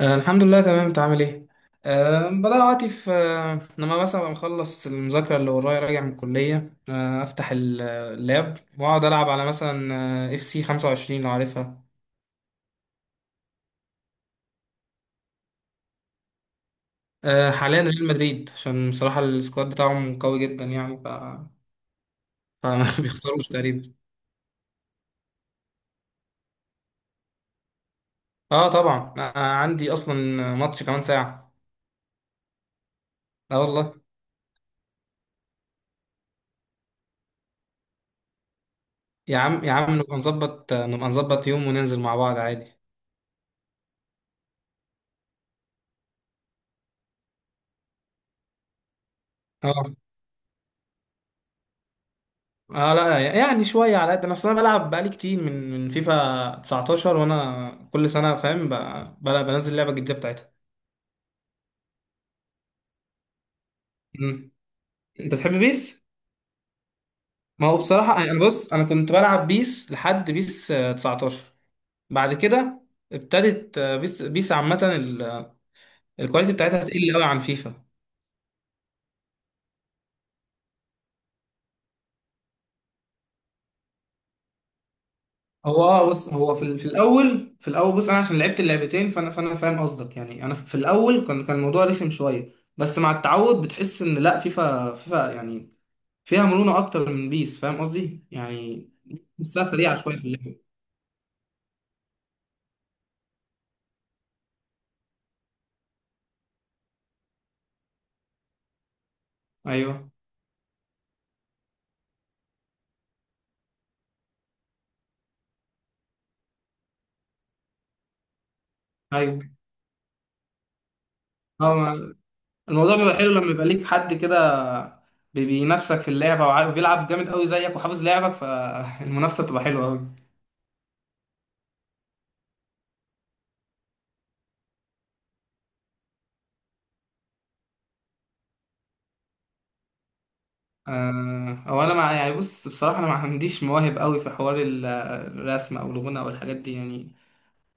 آه، الحمد لله، تمام. انت عامل ايه؟ بدأ وقتي في، لما مثلا أبقى مخلص المذاكرة اللي ورايا راجع من الكلية، أفتح اللاب وأقعد ألعب على، مثلا، اف سي 25، لو عارفها. حاليا ريال مدريد، عشان بصراحة السكواد بتاعهم قوي جدا يعني، فما بيخسروش تقريبا. اه، طبعا، عندي أصلا ماتش كمان ساعة. اه والله. يا عم يا عم، نبقى نظبط يوم وننزل مع بعض عادي. اه اه، لا، يعني شويه، على قد انا اصلا بلعب بقالي كتير من فيفا 19، وانا كل سنه فاهم بنزل لعبه جديده بتاعتها. مم. انت بتحب بيس؟ ما هو بصراحه انا، بص، انا كنت بلعب بيس لحد بيس 19. بعد كده ابتدت، بيس، بيس عامه، الكواليتي بتاعتها تقل قوي عن فيفا. هو بص، هو في في الاول، بص، انا عشان لعبت اللعبتين، فانا فاهم قصدك. يعني انا في الاول كان الموضوع رخم شويه، بس مع التعود بتحس ان لا، فيفا يعني فيها مرونة أكتر من بيس. فاهم قصدي؟ يعني بحسها سريعة شوية في اللعب. أيوه. أيوه. هو ما- الموضوع بيبقى حلو لما يبقى ليك حد كده بينافسك في اللعبة، وعارف بيلعب جامد قوي زيك وحافظ لعبك، فالمنافسة بتبقى حلوة قوي. هو أنا، مع، يعني، بص، بصراحة أنا ما عنديش مواهب قوي في حوار الرسم أو الغنى أو الحاجات دي يعني.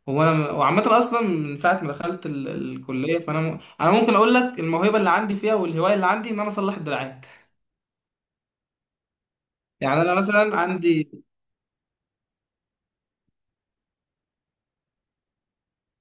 هو أنا وعامة أصلا من ساعة ما دخلت الكلية، فأنا، أنا ممكن أقول لك، الموهبة اللي عندي فيها والهواية اللي عندي، إن أنا أصلح الدراعات. يعني انا مثلا عندي،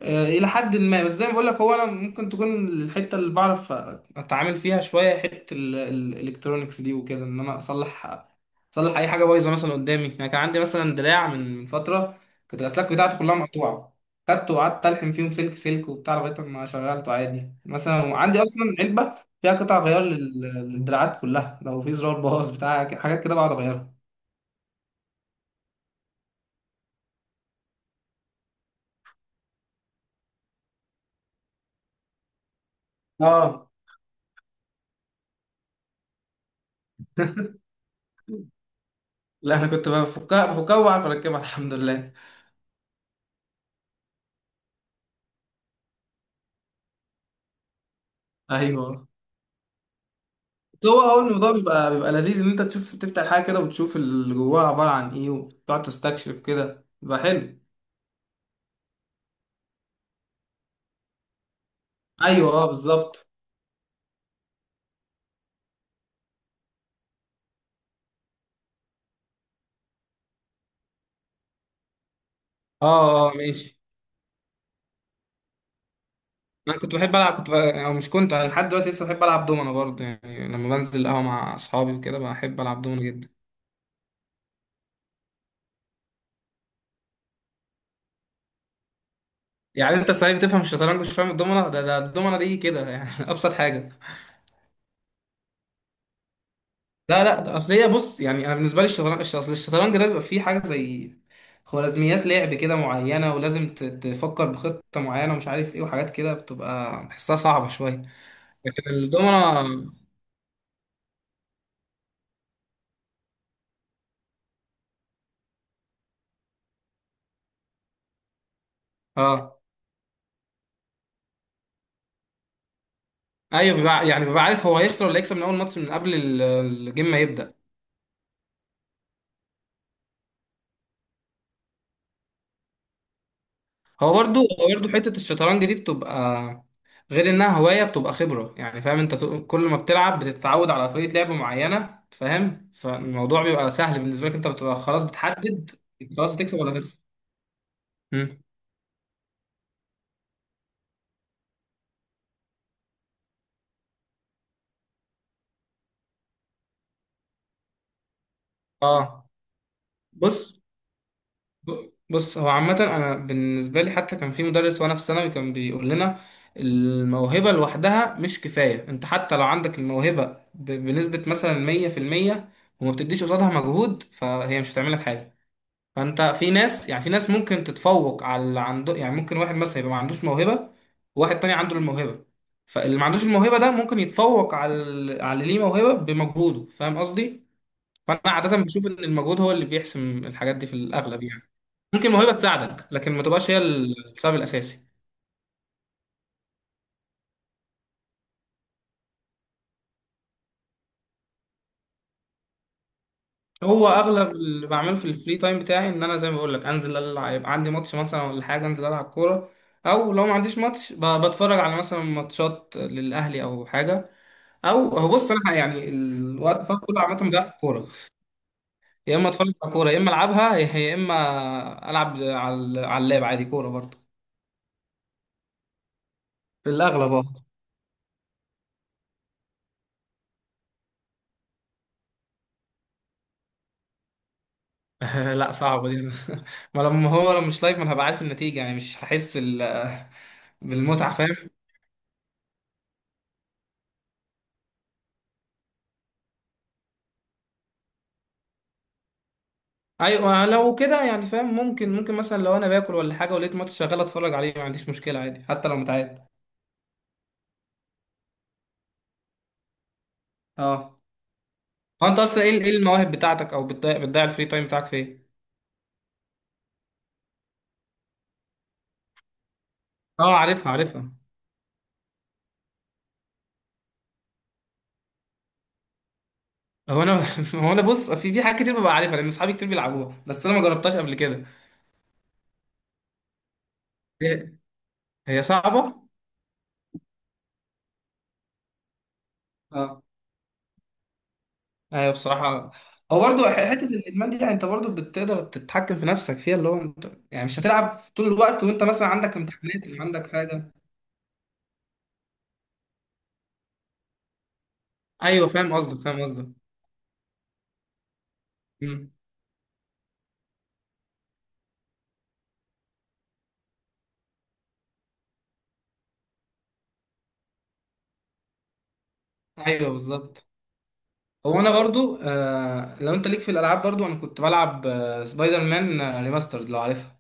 الى حد ما، بس زي ما بقول لك، هو انا ممكن تكون الحته اللي بعرف اتعامل فيها شويه، حته الالكترونيكس دي وكده، ان انا اصلح اي حاجه بايظه مثلا قدامي. يعني كان عندي مثلا دراع من فتره كانت الاسلاك بتاعته كلها مقطوعه، خدته وقعدت الحم فيهم سلك سلك وبتاع لغايه ما شغلته عادي. مثلا وعندي اصلا علبه فيها قطع غيار للدراعات كلها، لو في زرار باظ بتاع حاجات كده بقعد اغيرها. اه. لا، انا كنت بفكها بفكها وبعرف اركبها الحمد لله. ايوه. هو الموضوع بيبقى لذيذ، ان انت تشوف، تفتح حاجه كده وتشوف اللي جواها عباره عن ايه وتقعد تستكشف كده، بيبقى حلو. ايوه، اه، بالظبط. اه اه، ماشي. انا كنت بحب العب، او مش كنت، أنا لحد دلوقتي لسه بحب العب دومنه برضه، يعني لما بنزل القهوه مع اصحابي وكده بحب العب دومنه جدا. يعني انت صحيح بتفهم الشطرنج مش فاهم الدومنه؟ ده الدومنه دي كده يعني، ابسط حاجه. لا لا، ده اصل هي، بص، يعني انا بالنسبه لي الشطرنج، اصل الشطرنج ده بيبقى فيه حاجه زي خوارزميات لعب كده معينه، ولازم تفكر بخطه معينه ومش عارف ايه وحاجات كده، بتبقى بحسها صعبه شويه. لكن الدومنه. اه. ايوه، يعني بيبقى عارف هو هيخسر ولا هيكسب من اول ماتش، من قبل الجيم ما يبدا. هو برضو حتة الشطرنج دي بتبقى، غير انها هواية، بتبقى خبرة. يعني فاهم، انت، كل ما بتلعب بتتعود على طريقة لعب معينة، فاهم، فالموضوع بيبقى سهل بالنسبة لك، انت بتبقى خلاص بتحدد، خلاص هتكسب ولا هتخسر. مم. اه بص، بص، هو عامة انا بالنسبة لي، حتى كان في مدرس وانا في ثانوي كان بيقول لنا، الموهبة لوحدها مش كفاية. انت حتى لو عندك الموهبة بنسبة مثلا 100%، وما بتديش قصادها مجهود، فهي مش هتعملك حاجة. فانت في ناس، يعني في ناس ممكن تتفوق على اللي عنده، يعني ممكن واحد مثلا يبقى ما عندوش موهبه، وواحد تاني عنده الموهبه، فاللي ما عندوش الموهبه ده ممكن يتفوق على على اللي ليه موهبه بمجهوده. فاهم قصدي؟ فانا عاده بشوف ان المجهود هو اللي بيحسم الحاجات دي في الاغلب يعني. ممكن الموهبه تساعدك، لكن ما تبقاش هي السبب الاساسي. هو اغلب اللي بعمله في الفري تايم بتاعي ان انا، زي ما بقول لك، انزل العب، يبقى عندي ماتش مثلا ولا حاجه، انزل العب كوره، او لو ما عنديش ماتش بتفرج على مثلا ماتشات للاهلي او حاجه. او هو، بص، انا يعني الوقت الفاضي كله عامه بضيع في الكوره. يا اما اتفرج على كوره، يا اما العبها، يا اما العب على، على اللاب عادي كوره برضه. في الاغلب. اه. لا، صعبه دي. ما لما هو لو مش لايف، ما انا هبقى عارف النتيجه يعني، مش هحس بالمتعه، فاهم؟ ايوه، لو كده يعني، فاهم، ممكن، ممكن مثلا لو انا باكل ولا حاجه ولقيت ماتش شغال اتفرج عليه ما عنديش مشكله عادي، حتى لو متعاد. اه. هو انت اصلا ايه ايه المواهب بتاعتك، او بتضيع الفري تايم بتاعك في ايه؟ اه، عارفها عارفها. هو انا هو انا، بص، في حاجات كتير ببقى عارفها لان اصحابي كتير بيلعبوها، بس انا ما جربتهاش قبل كده. هي هي صعبه. اه. ايوه، بصراحه. هو برضو حته الادمان دي، يعني انت برضو بتقدر تتحكم في نفسك فيها، اللي هو انت يعني مش هتلعب طول الوقت وانت مثلا عندك امتحانات او عندك حاجه. ايوه، فاهم قصدك، فاهم قصدك. مم. ايوه بالظبط. هو انا برضو، لو انت ليك في الالعاب برضو، انا كنت بلعب سبايدر مان ريماسترد لو عارفها.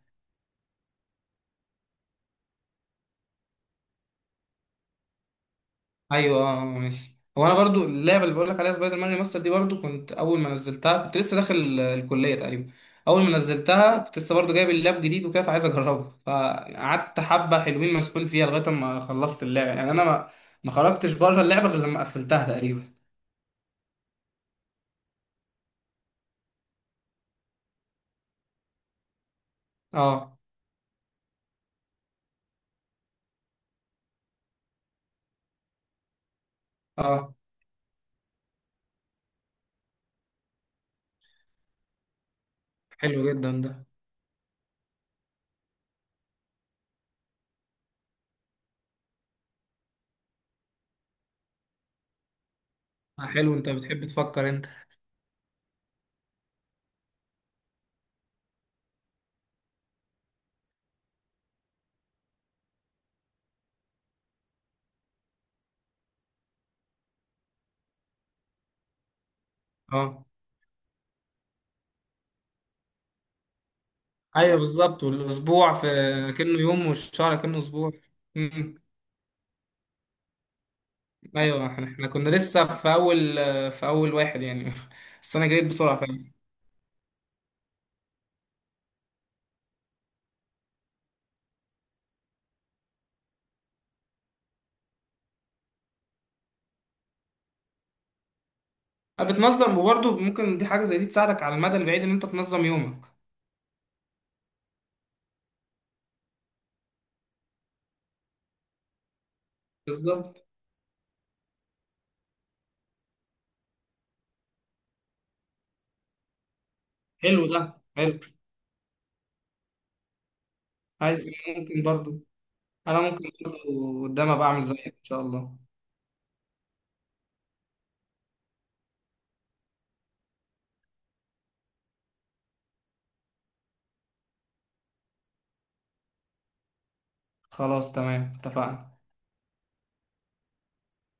ايوه، اه، ماشي. هو انا برضو اللعبه اللي بقول لك عليها سبايدر مان ريماستر دي برضو، كنت اول ما نزلتها كنت لسه داخل الكليه تقريبا. اول ما نزلتها كنت لسه برضو جايب اللاب جديد وكده، فعايز اجربه، فقعدت حبه حلوين مسحول فيها لغايه ما خلصت اللعبه، يعني انا ما خرجتش بره اللعبه غير لما قفلتها تقريبا. اه. اه، حلو جدا ده. حلو، انت بتحب تفكر انت. اه، ايوه، بالظبط. والاسبوع في كأنه يوم، والشهر كأنه اسبوع. ايوه، إحنا كنا لسه في اول، في اول واحد يعني. بس انا جريت بسرعه فعلا. بتنظم، وبرضه ممكن، دي حاجه زي دي تساعدك على المدى البعيد، ان انت تنظم يومك. بالظبط. حلو، ده حلو. أيوة، ممكن برضه، انا ممكن برضه قدام ابقى اعمل زيك ان شاء الله. خلاص، تمام، اتفقنا.